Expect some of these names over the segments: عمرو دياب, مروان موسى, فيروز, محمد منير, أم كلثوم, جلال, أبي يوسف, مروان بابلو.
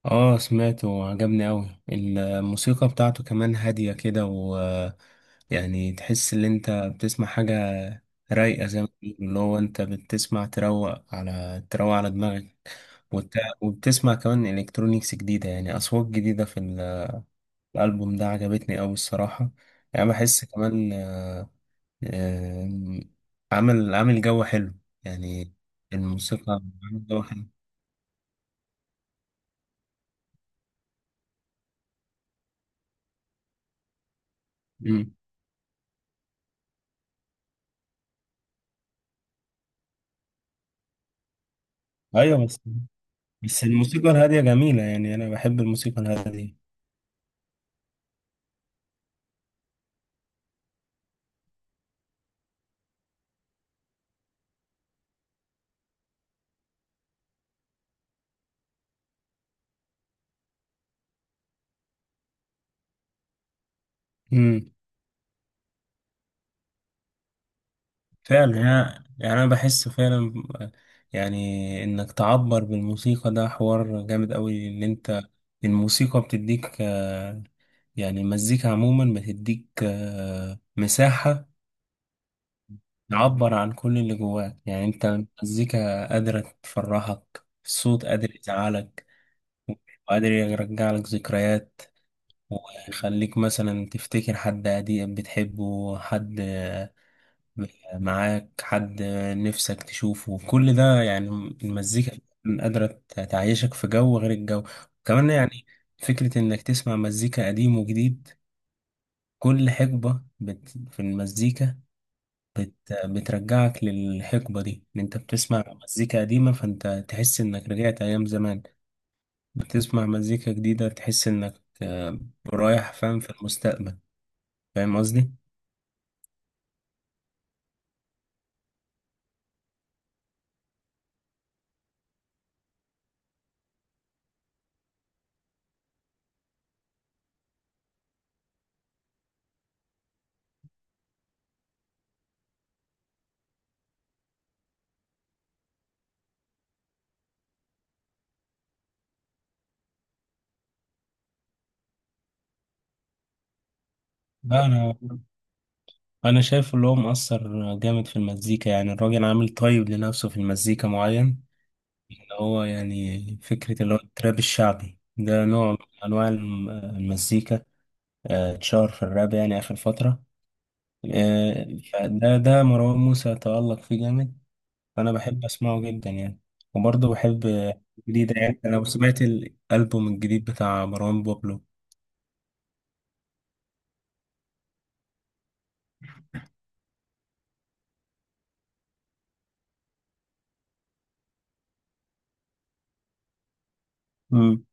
اه، سمعته وعجبني اوي الموسيقى بتاعته، كمان هادية كده يعني تحس ان انت بتسمع حاجة رايقة، زي ما بيقولوا اللي هو انت بتسمع تروق على دماغك. وت... وبتسمع كمان الكترونيكس جديدة، يعني اصوات جديدة في الالبوم ده، عجبتني اوي الصراحة. يعني بحس كمان آه، عامل جو حلو، يعني الموسيقى عامل جو حلو. مم. ايوه، بس الموسيقى الهادية جميلة، يعني أنا بحب الموسيقى الهادية. امم فعلا يعني، أنا بحس فعلا يعني إنك تعبر بالموسيقى، ده حوار جامد أوي، إن أنت الموسيقى بتديك يعني المزيكا عموما بتديك مساحة تعبر عن كل اللي جواك، يعني أنت المزيكا قادرة تفرحك، الصوت قادر يزعلك وقادر يرجع لك ذكريات ويخليك مثلا تفتكر حد قديم بتحبه، حد معاك، حد نفسك تشوفه، كل ده يعني المزيكا قادرة تعيشك في جو غير الجو كمان. يعني فكرة إنك تسمع مزيكا قديم وجديد، كل حقبة بت في المزيكا بت بترجعك للحقبة دي، إن أنت بتسمع مزيكا قديمة فأنت تحس إنك رجعت أيام زمان، بتسمع مزيكا جديدة تحس إنك رايح فاهم في المستقبل. فاهم قصدي؟ لا، أنا شايف اللي هو مؤثر جامد في المزيكا، يعني الراجل عامل طيب لنفسه في المزيكا معين، اللي هو يعني فكرة اللي هو التراب الشعبي ده نوع من انواع المزيكا، اتشهر في الراب يعني اخر فترة، آه، فده مروان موسى تألق فيه جامد، فانا بحب اسمعه جدا يعني. وبرضه بحب جديد، يعني انا لو سمعت الالبوم الجديد بتاع مروان بابلو. مم.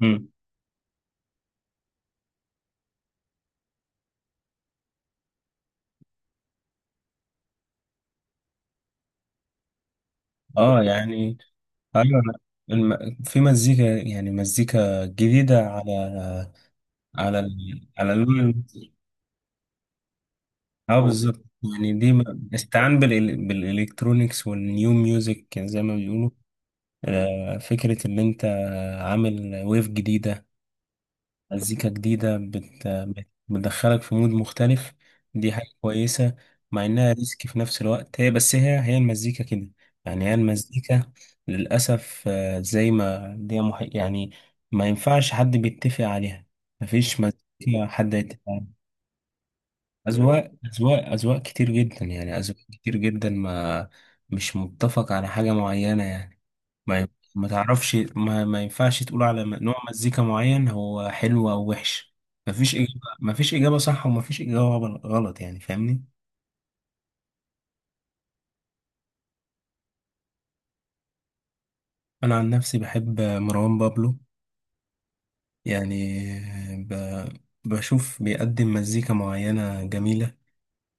مم. اه يعني، ايوه أنا في مزيكا، يعني مزيكا جديدة على على اللون. اه بالظبط، يعني دي استعان بالالكترونيكس والنيو ميوزك زي ما بيقولوا، فكرة ان انت عامل ويف جديدة، مزيكا جديدة بتدخلك في مود مختلف، دي حاجة كويسة مع إنها ريسك في نفس الوقت، هي بس هي المزيكا كده يعني، هي المزيكا للأسف، زي ما دي يعني ما ينفعش حد بيتفق عليها، مفيش مزيكا حد يتفق عليها. أذواق كتير جدا، يعني أذواق كتير جدا، ما مش متفق على حاجة معينة يعني. ما ي- ما تعرفش ما ينفعش تقول على نوع مزيكا معين هو حلو او وحش، مفيش اجابه، مفيش اجابه صح ومفيش اجابه غلط، يعني فاهمني. انا عن نفسي بحب مروان بابلو يعني، ب... بشوف بيقدم مزيكا معينه جميله،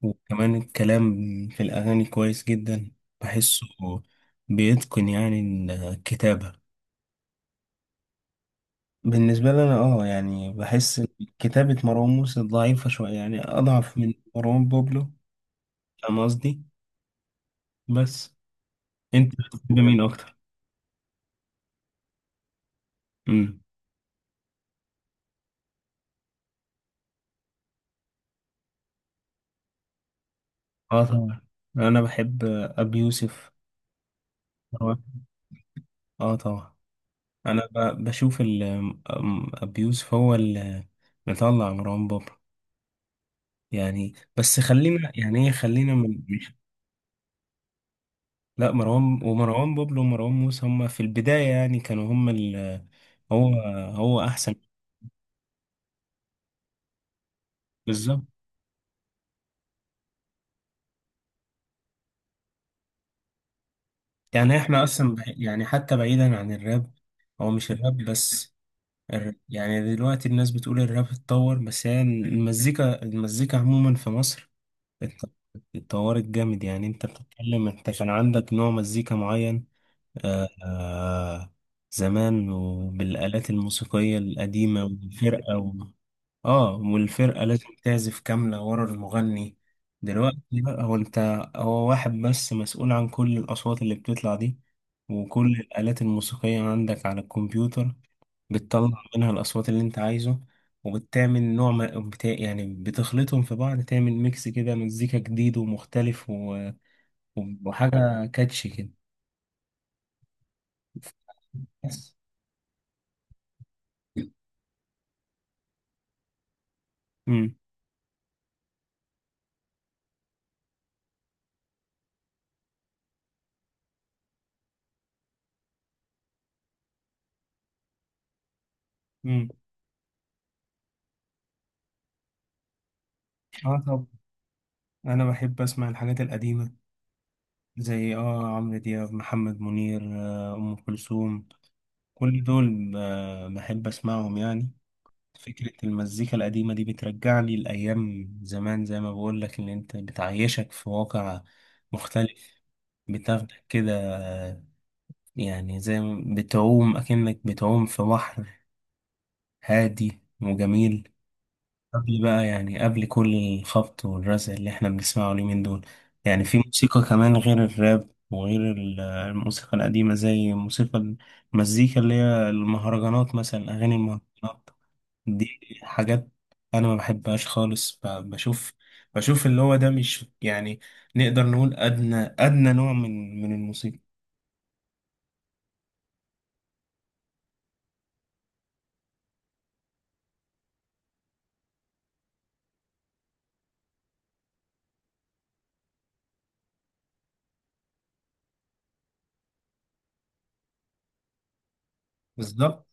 وكمان الكلام في الاغاني كويس جدا، بحسه بيتقن يعني الكتابه. بالنسبه لي انا اه يعني بحس إن كتابة مروان موسى ضعيفة شوية، يعني أضعف من مروان بابلو، فاهم قصدي؟ بس انت بتحب مين اكتر؟ امم اه طبعا، انا بحب ابي يوسف. طبعا. اه طبعا، انا بشوف ابي يوسف هو اللي مطلع مروان بابلو، يعني بس خلينا، يعني ايه، خلينا من لا، مروان ومروان بابلو ومروان موسى هما في البداية يعني كانوا هما هو هو احسن. بالظبط، يعني احنا اصلا يعني حتى بعيدا عن الراب، هو مش الراب بس، يعني دلوقتي الناس بتقول الراب اتطور، بس هي المزيكا، المزيكا عموما في مصر ات- اتطورت جامد، يعني انت بتتكلم، انت كان عندك نوع مزيكا معين آه آه زمان وبالآلات الموسيقية القديمة والفرقة اه، والفرقة لازم تعزف كاملة ورا المغني. دلوقتي بقى هو انت، هو واحد بس مسؤول عن كل الأصوات اللي بتطلع دي، وكل الآلات الموسيقية عندك على الكمبيوتر بتطلع منها الأصوات اللي أنت عايزه، وبتعمل نوع ما يعني بتخلطهم في بعض تعمل ميكس كده، مزيكا جديد ومختلف وحاجة كاتشي كده بس. مم. مم. اه طب أنا بحب أسمع الحاجات القديمة، زي اه عمرو دياب، محمد منير، أم كلثوم، كل دول بحب أسمعهم يعني. فكرة المزيكا القديمة دي بترجعني لأيام زمان، زي ما بقولك اللي أنت بتعيشك في واقع مختلف، بتاخدك كده، يعني زي ما بتعوم أكنك بتعوم في بحر هادي وجميل، قبل بقى، يعني قبل كل الخبط والرزع اللي احنا بنسمعه اليومين دول. يعني في موسيقى كمان غير الراب وغير الموسيقى القديمة، زي موسيقى المزيكا اللي هي المهرجانات، مثلا أغاني المهرجانات، دي حاجات أنا ما بحبهاش خالص، بشوف، بشوف اللي هو ده مش يعني نقدر نقول أدنى نوع من من الموسيقى. بالظبط،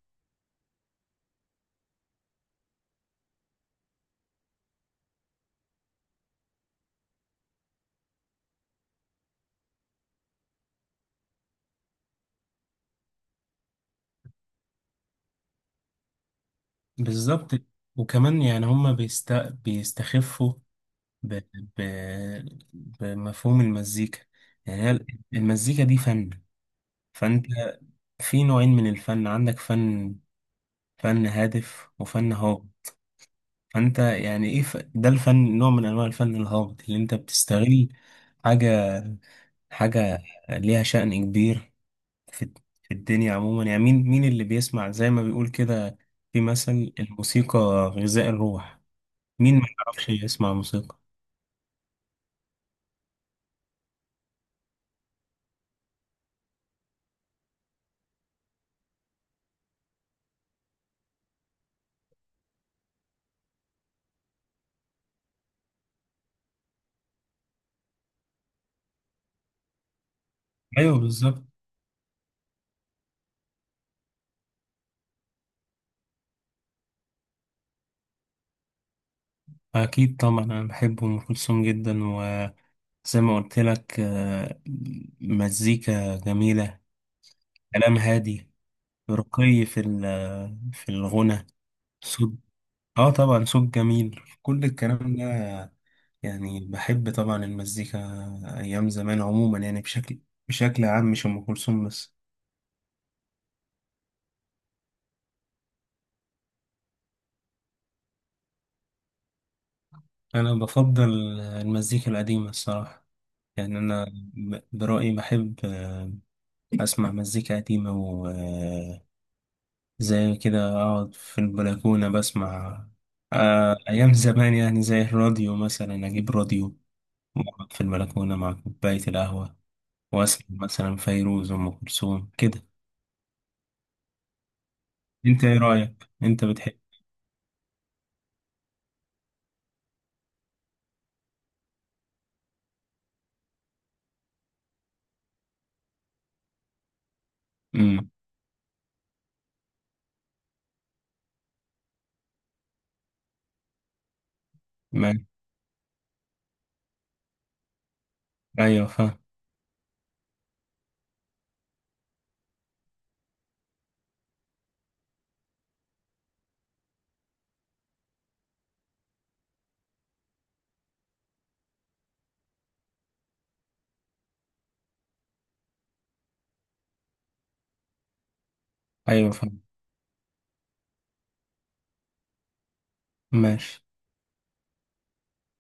بالظبط. وكمان يعني هما بيستخفوا ب... ب... بمفهوم المزيكا، يعني هي المزيكا دي فن، فانت في نوعين من الفن، عندك فن هادف وفن هابط، فانت يعني ايه ده الفن نوع من انواع الفن الهابط، اللي انت بتستغل حاجة، حاجة ليها شأن كبير في في الدنيا عموما، يعني مين مين اللي بيسمع زي ما بيقول كده، في مثل الموسيقى غذاء الروح، مين ما يعرفش يسمع موسيقى. ايوه بالظبط. اكيد طبعا، انا بحب ام كلثوم جدا، وزي ما قلت لك مزيكا جميله، كلام هادي، رقي في في الغنى، صوت، اه طبعا صوت جميل، كل الكلام ده يعني. بحب طبعا المزيكا ايام زمان عموما، يعني بشكل عام، مش ام كلثوم بس. انا بفضل المزيكا القديمه الصراحه، يعني انا برأيي بحب اسمع مزيكا قديمة، وزي كده اقعد في البلكونة بسمع، ايام زمان، يعني زي الراديو مثلا اجيب راديو واقعد في البلكونة مع كوباية القهوة واسمع مثلا فيروز، ام كلثوم كده، انت ايه رأيك؟ انت بتحب؟ امم ما- ايوه فاهم، ايوه فاهم، ماشي.